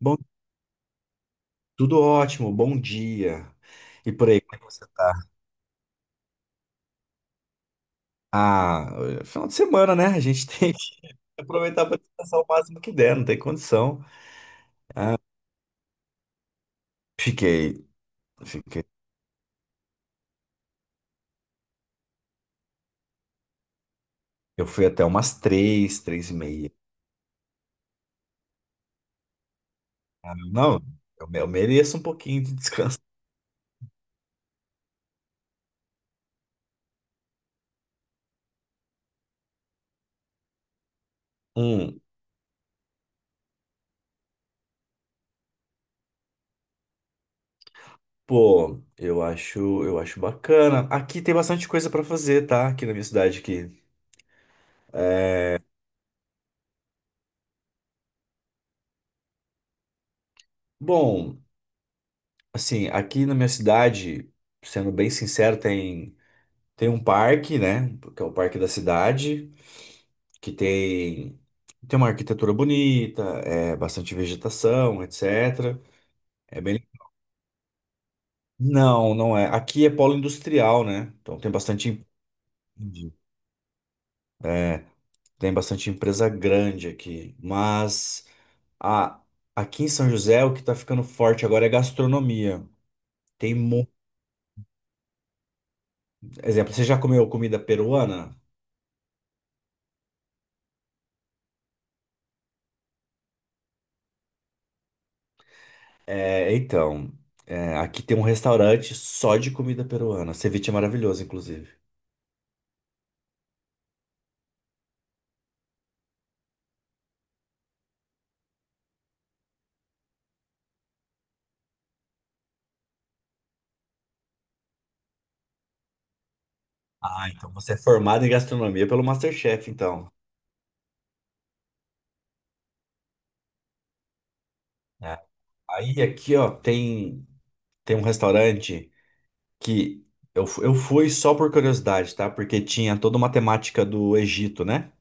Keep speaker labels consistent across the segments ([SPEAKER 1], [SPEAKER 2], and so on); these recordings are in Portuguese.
[SPEAKER 1] Bom, tudo ótimo, bom dia. E por aí, como é que você tá? Ah, final de semana, né? A gente tem que aproveitar para descansar o máximo que der, não tem condição. Fiquei, fiquei. Eu fui até umas três, três e meia. Ah, não, eu mereço um pouquinho de descanso. Hum, pô, eu acho bacana. Aqui tem bastante coisa para fazer, tá? Aqui na minha cidade aqui. Bom, assim, aqui na minha cidade, sendo bem sincero, tem um parque, né? Que é o parque da cidade, que tem, tem uma arquitetura bonita, é bastante vegetação, etc. É bem. Não, não é. Aqui é polo industrial, né? Então tem bastante. É, tem bastante empresa grande aqui. Mas a, aqui em São José, o que tá ficando forte agora é gastronomia. Tem muito. Exemplo, você já comeu comida peruana? É, então, é, aqui tem um restaurante só de comida peruana. Ceviche é maravilhoso, inclusive. Ah, então você é formado em gastronomia pelo MasterChef, então. É. Aí aqui, ó, tem, tem um restaurante que eu fui só por curiosidade, tá? Porque tinha toda uma temática do Egito, né?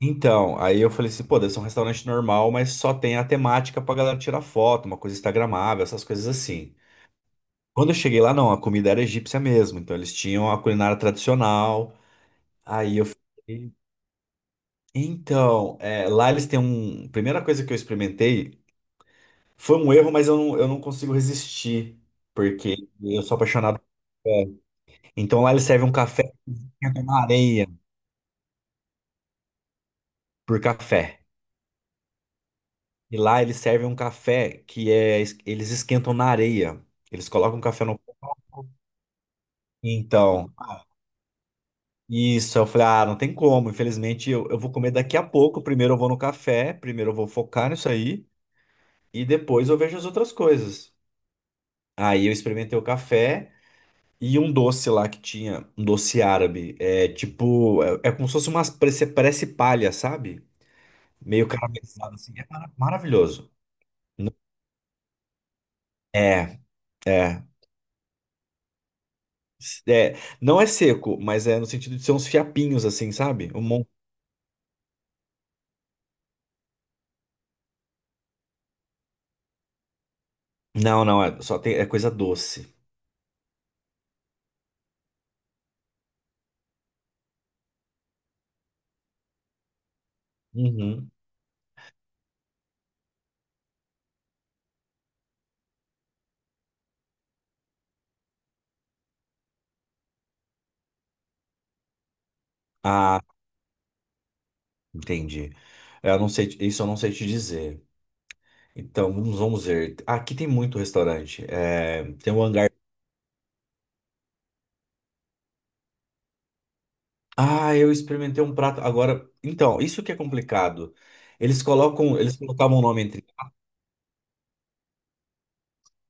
[SPEAKER 1] Então, aí eu falei assim, pô, deve ser um restaurante normal, mas só tem a temática pra galera tirar foto, uma coisa instagramável, essas coisas assim. Quando eu cheguei lá, não, a comida era egípcia mesmo, então eles tinham a culinária tradicional. Aí eu fiquei. Então, é, lá eles têm um. Primeira coisa que eu experimentei. Foi um erro, mas eu não consigo resistir, porque eu sou apaixonado por café. Então lá eles servem um café que esquenta na areia, por café. E lá eles servem um café que é, es- eles esquentam na areia. Eles colocam café no. Então, isso, eu falei, ah, não tem como, infelizmente eu vou comer daqui a pouco. Primeiro eu vou no café, primeiro eu vou focar nisso aí, e depois eu vejo as outras coisas. Aí eu experimentei o café. E um doce lá que tinha, um doce árabe. É tipo, é, é como se fosse umas, parece, parece palha, sabe? Meio caramelizado assim. É maravilhoso. É, é. É, não é seco, mas é no sentido de ser uns fiapinhos assim, sabe? Um mon- Não, não, é, só tem, é coisa doce. Uhum. Ah, entendi. É, eu não sei, isso eu não sei te dizer. Então, vamos ver. Aqui tem muito restaurante. É, tem o hangar. Ah, eu experimentei um prato agora. Então, isso que é complicado. Eles colocam, eles colocavam o nome entre.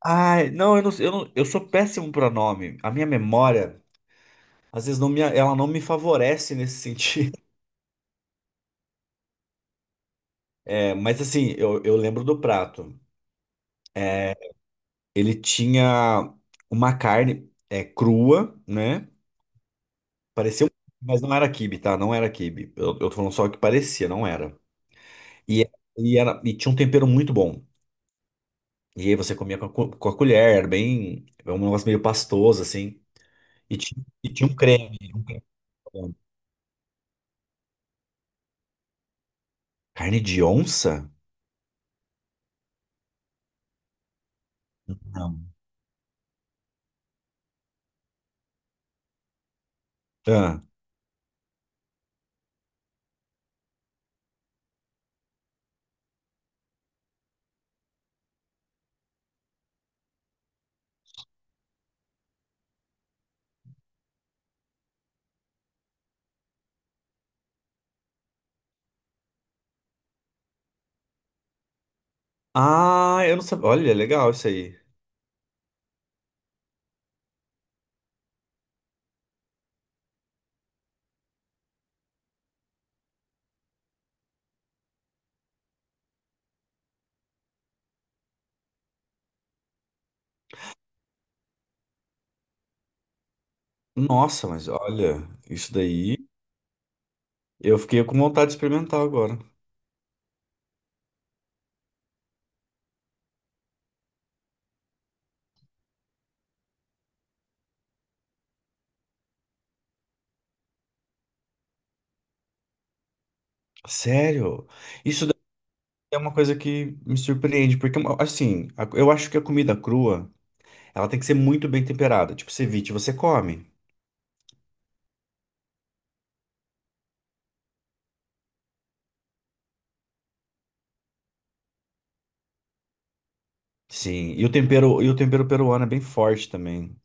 [SPEAKER 1] Ah, não, eu sou péssimo para nome. A minha memória, às vezes ela não me favorece nesse sentido. É, mas assim, eu lembro do prato. Ele tinha uma carne é, crua, né? Parecia, um- mas não era quibe, tá? Não era quibe. Eu tô falando só que parecia, não era. E, e era, e tinha um tempero muito bom. E aí você comia com com a colher, era bem. Era um negócio meio pastoso, assim. E tinha um creme, um creme. Carne de onça? Não. Ah, ah, eu não sabia. Olha, legal isso aí. Nossa, mas olha, isso daí. Eu fiquei com vontade de experimentar agora. Sério? Isso daí é uma coisa que me surpreende, porque, assim, a- eu acho que a comida crua, ela tem que ser muito bem temperada. Tipo, ceviche você come. Sim, e o tempero peruano é bem forte também.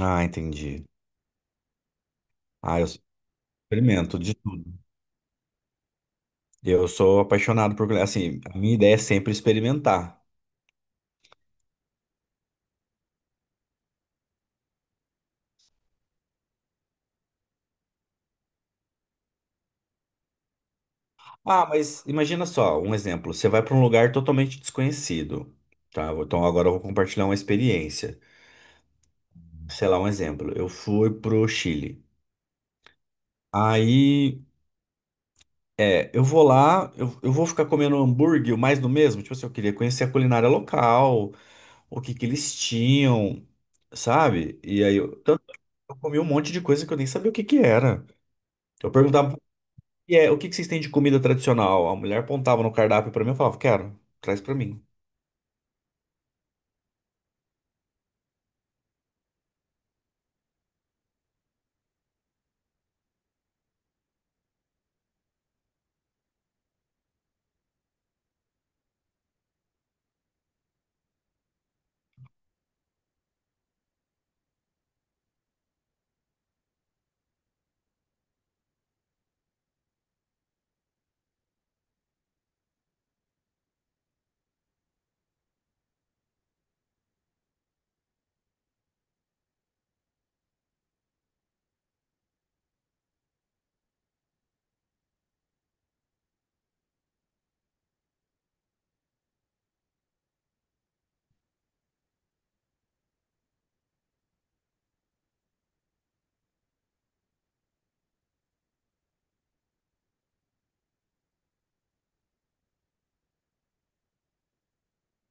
[SPEAKER 1] Ah, entendi. Ah, eu experimento de tudo. Eu sou apaixonado por, assim, a minha ideia é sempre experimentar. Ah, mas imagina só, um exemplo, você vai para um lugar totalmente desconhecido, tá? Então agora eu vou compartilhar uma experiência. Sei lá, um exemplo, eu fui pro Chile. Aí, é, eu vou lá, eu vou ficar comendo hambúrguer, mais do mesmo, tipo assim, eu queria conhecer a culinária local, o que que eles tinham, sabe? E aí, eu, tanto que eu comi um monte de coisa que eu nem sabia o que que era. Eu perguntava. E é, o que que vocês têm de comida tradicional? A mulher apontava no cardápio pra mim e falava, quero, traz pra mim.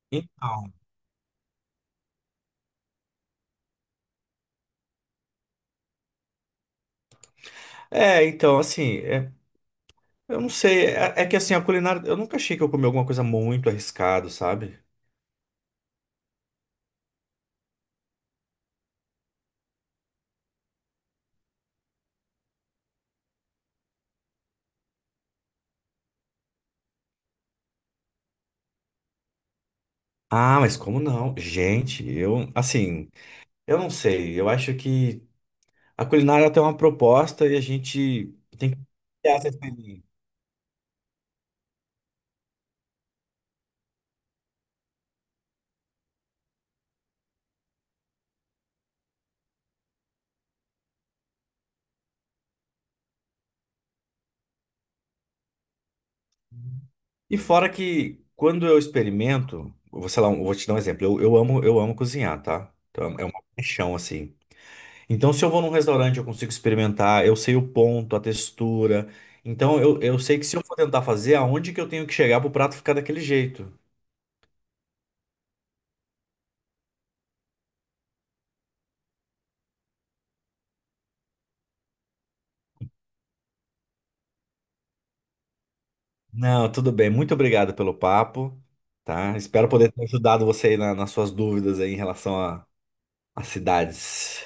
[SPEAKER 1] Então. É, então, assim, é, eu não sei. É, é que assim, a culinária. Eu nunca achei que eu comi alguma coisa muito arriscado, sabe? Ah, mas como não? Gente, eu, assim, eu não sei. Eu acho que a culinária tem uma proposta e a gente tem que criar essa experiência. E fora que quando eu experimento, eu vou, sei lá, eu vou te dar um exemplo. Eu amo cozinhar, tá? Então é uma paixão assim. Então, se eu vou num restaurante, eu consigo experimentar, eu sei o ponto, a textura. Então, eu sei que se eu for tentar fazer, aonde que eu tenho que chegar para o prato ficar daquele jeito? Não, tudo bem. Muito obrigado pelo papo, tá? Espero poder ter ajudado você aí nas suas dúvidas aí em relação a cidades.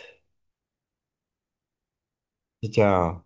[SPEAKER 1] Tchau.